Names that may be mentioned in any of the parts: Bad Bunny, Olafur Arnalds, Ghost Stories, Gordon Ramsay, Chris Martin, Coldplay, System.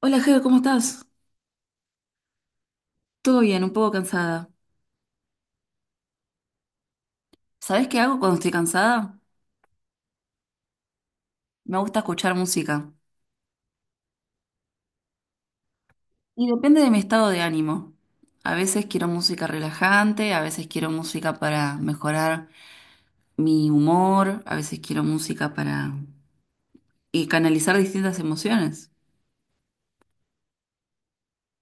Hola, Ger, ¿cómo estás? Todo bien, un poco cansada. ¿Sabés qué hago cuando estoy cansada? Me gusta escuchar música. Y depende de mi estado de ánimo. A veces quiero música relajante, a veces quiero música para mejorar mi humor, a veces quiero música para y canalizar distintas emociones.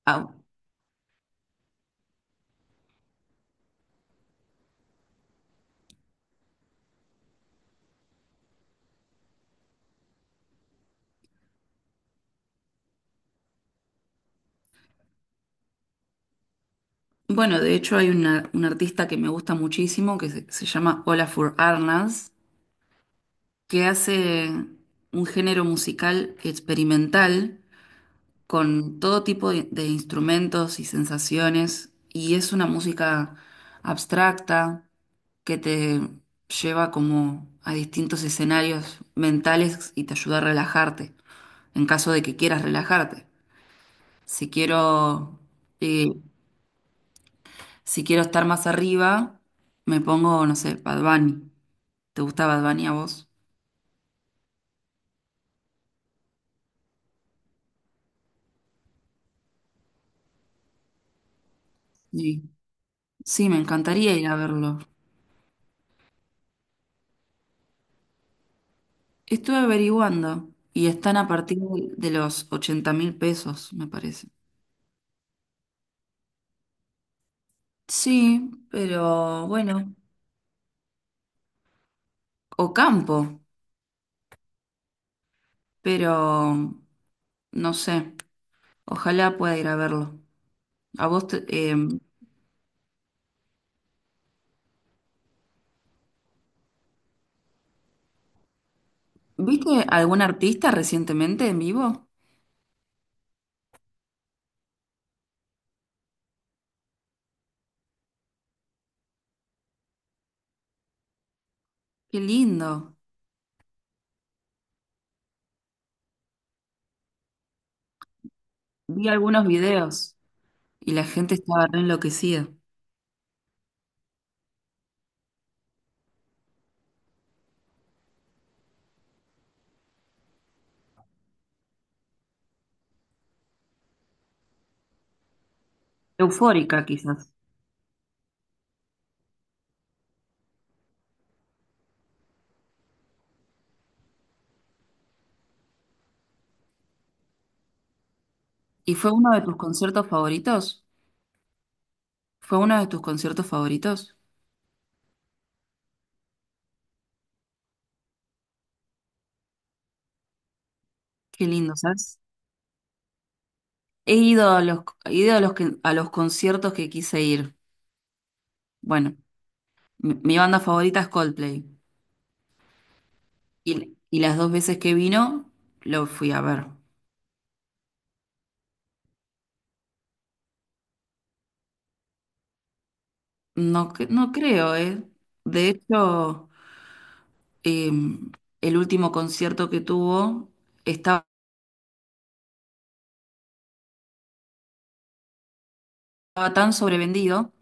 Ah, bueno, de hecho hay un artista que me gusta muchísimo que se llama Olafur Arnalds, que hace un género musical experimental con todo tipo de instrumentos y sensaciones, y es una música abstracta que te lleva como a distintos escenarios mentales y te ayuda a relajarte, en caso de que quieras relajarte. Si quiero, eh, si quiero estar más arriba, me pongo, no sé, Bad Bunny. ¿Te gusta Bad Bunny a vos? Sí. Sí, me encantaría ir a verlo. Estuve averiguando y están a partir de los 80.000 pesos, me parece. Sí, pero bueno, o campo, pero no sé, ojalá pueda ir a verlo. ¿A vos te- eh, viste algún artista recientemente en vivo? Qué lindo. Vi algunos videos y la gente estaba re enloquecida, eufórica quizás. ¿Y fue uno de tus conciertos favoritos? ¿Fue uno de tus conciertos favoritos? Qué lindo, ¿sabes? He ido a los, he ido a los, que- a los conciertos que quise ir. Bueno, mi banda favorita es Coldplay. Y las dos veces que vino, lo fui a ver. No, no creo, ¿eh? De hecho, eh, el último concierto que tuvo estaba tan sobrevendido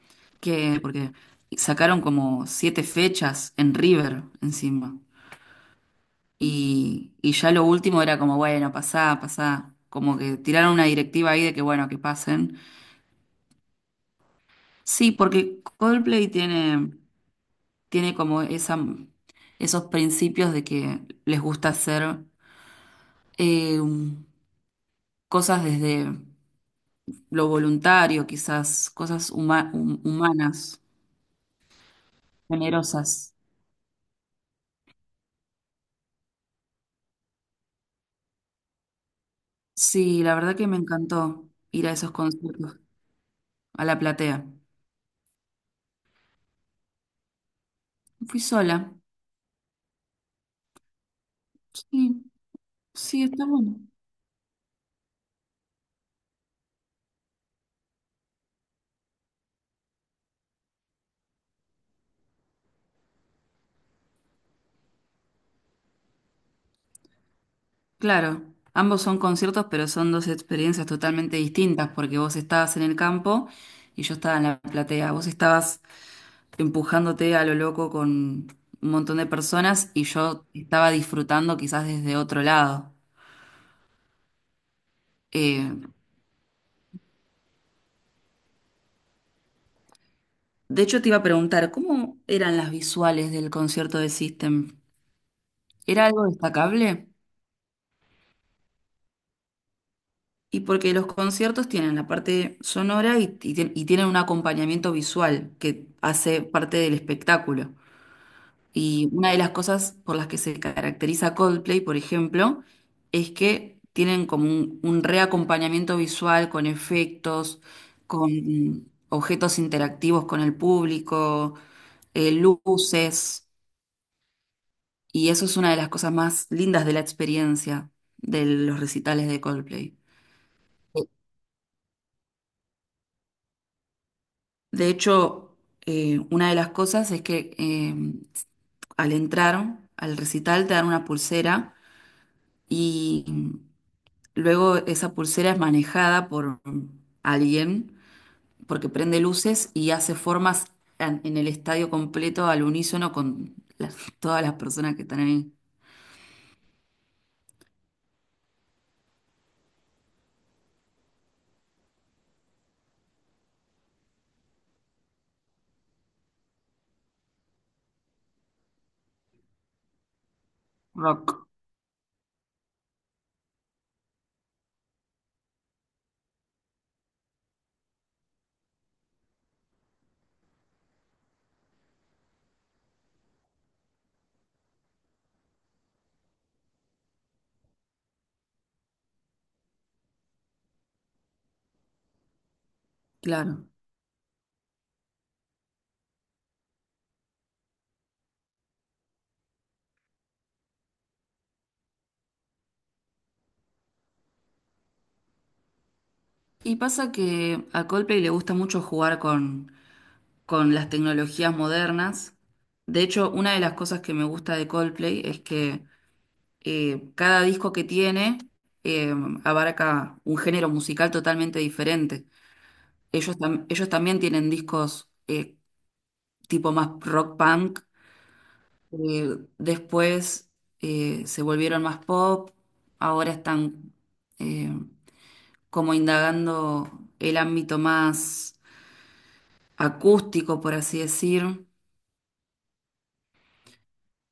que, porque sacaron como siete fechas en River encima. Y ya lo último era como, bueno, pasá, pasá. Como que tiraron una directiva ahí de que, bueno, que pasen. Sí, porque Coldplay tiene. Tiene como esa, esos principios de que les gusta hacer eh, cosas desde lo voluntario, quizás, cosas humanas, generosas. Sí, la verdad que me encantó ir a esos conciertos, a la platea. Fui sola. Sí, sí, está bueno. Claro, ambos son conciertos, pero son dos experiencias totalmente distintas, porque vos estabas en el campo y yo estaba en la platea. Vos estabas empujándote a lo loco con un montón de personas y yo estaba disfrutando quizás desde otro lado. Eh, de hecho, te iba a preguntar, ¿cómo eran las visuales del concierto de System? ¿Era algo destacable? Y porque los conciertos tienen la parte sonora y, y tienen un acompañamiento visual que hace parte del espectáculo. Y una de las cosas por las que se caracteriza Coldplay, por ejemplo, es que tienen como un reacompañamiento visual con efectos, con objetos interactivos con el público, luces, y eso es una de las cosas más lindas de la experiencia de los recitales de Coldplay. De hecho, una de las cosas es que al entrar al recital te dan una pulsera y luego esa pulsera es manejada por alguien porque prende luces y hace formas en el estadio completo al unísono con las- todas las personas que están ahí. Rock. Claro. Y pasa que a Coldplay le gusta mucho jugar con las tecnologías modernas. De hecho, una de las cosas que me gusta de Coldplay es que cada disco que tiene eh, abarca un género musical totalmente diferente. Ellos también tienen discos tipo más rock punk. Después se volvieron más pop. Ahora están eh, como indagando el ámbito más acústico, por así decir.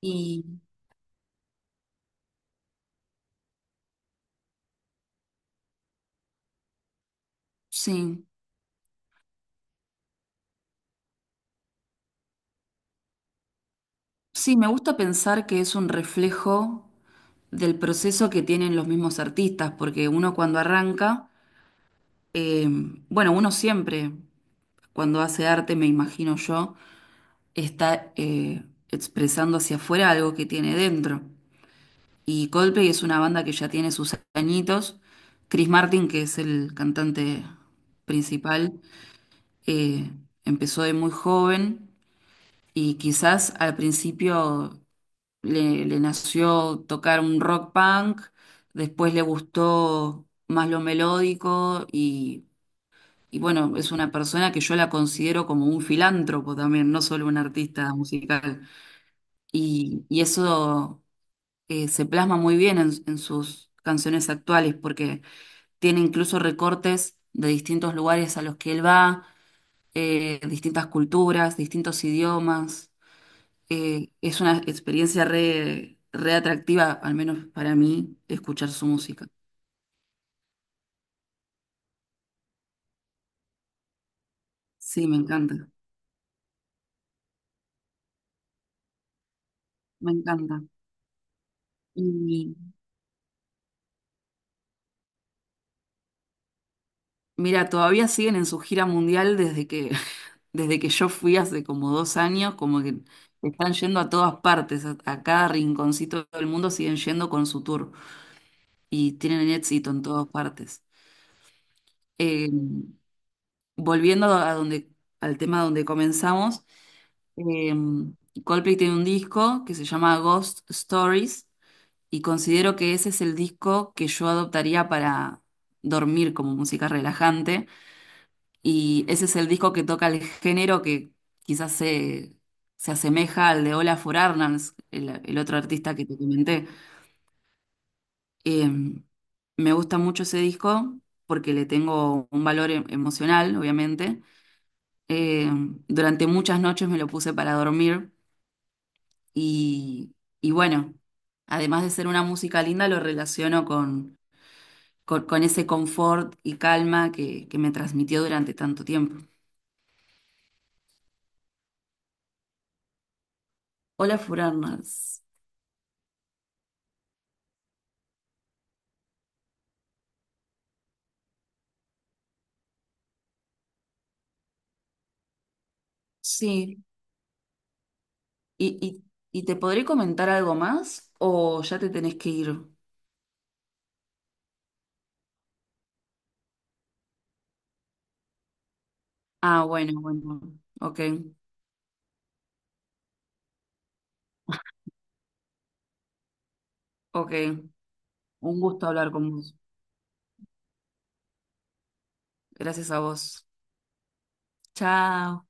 Y sí, sí, me gusta pensar que es un reflejo del proceso que tienen los mismos artistas, porque uno cuando arranca, eh, bueno, uno siempre cuando hace arte, me imagino yo está expresando hacia afuera algo que tiene dentro. Y Coldplay es una banda que ya tiene sus añitos. Chris Martin, que es el cantante principal, eh, empezó de muy joven y quizás al principio le nació tocar un rock punk, después le gustó más lo melódico y bueno, es una persona que yo la considero como un filántropo también, no solo un artista musical. Y eso se plasma muy bien en sus canciones actuales, porque tiene incluso recortes de distintos lugares a los que él va, distintas culturas, distintos idiomas. Es una experiencia re, re atractiva, al menos para mí, escuchar su música. Sí, me encanta, me encanta. Y mira, todavía siguen en su gira mundial desde que, desde que yo fui hace como 2 años, como que están yendo a todas partes, a cada rinconcito del mundo siguen yendo con su tour y tienen éxito en todas partes. Eh, volviendo a donde, al tema donde comenzamos, eh, Coldplay tiene un disco que se llama Ghost Stories y considero que ese es el disco que yo adoptaría para dormir como música relajante. Y ese es el disco que toca el género que quizás se asemeja al de Olafur Arnalds, el otro artista que te comenté. Eh, me gusta mucho ese disco porque le tengo un valor emocional, obviamente. Eh, durante muchas noches me lo puse para dormir y, y bueno, además de ser una música linda, lo relaciono con, con ese confort y calma que me transmitió durante tanto tiempo. Olafur Arnalds. Sí, ¿y, y te podré comentar algo más o ya te tenés que ir? Ah, bueno, bueno. Ok, ok. Un gusto hablar con vos. Gracias a vos. Chao.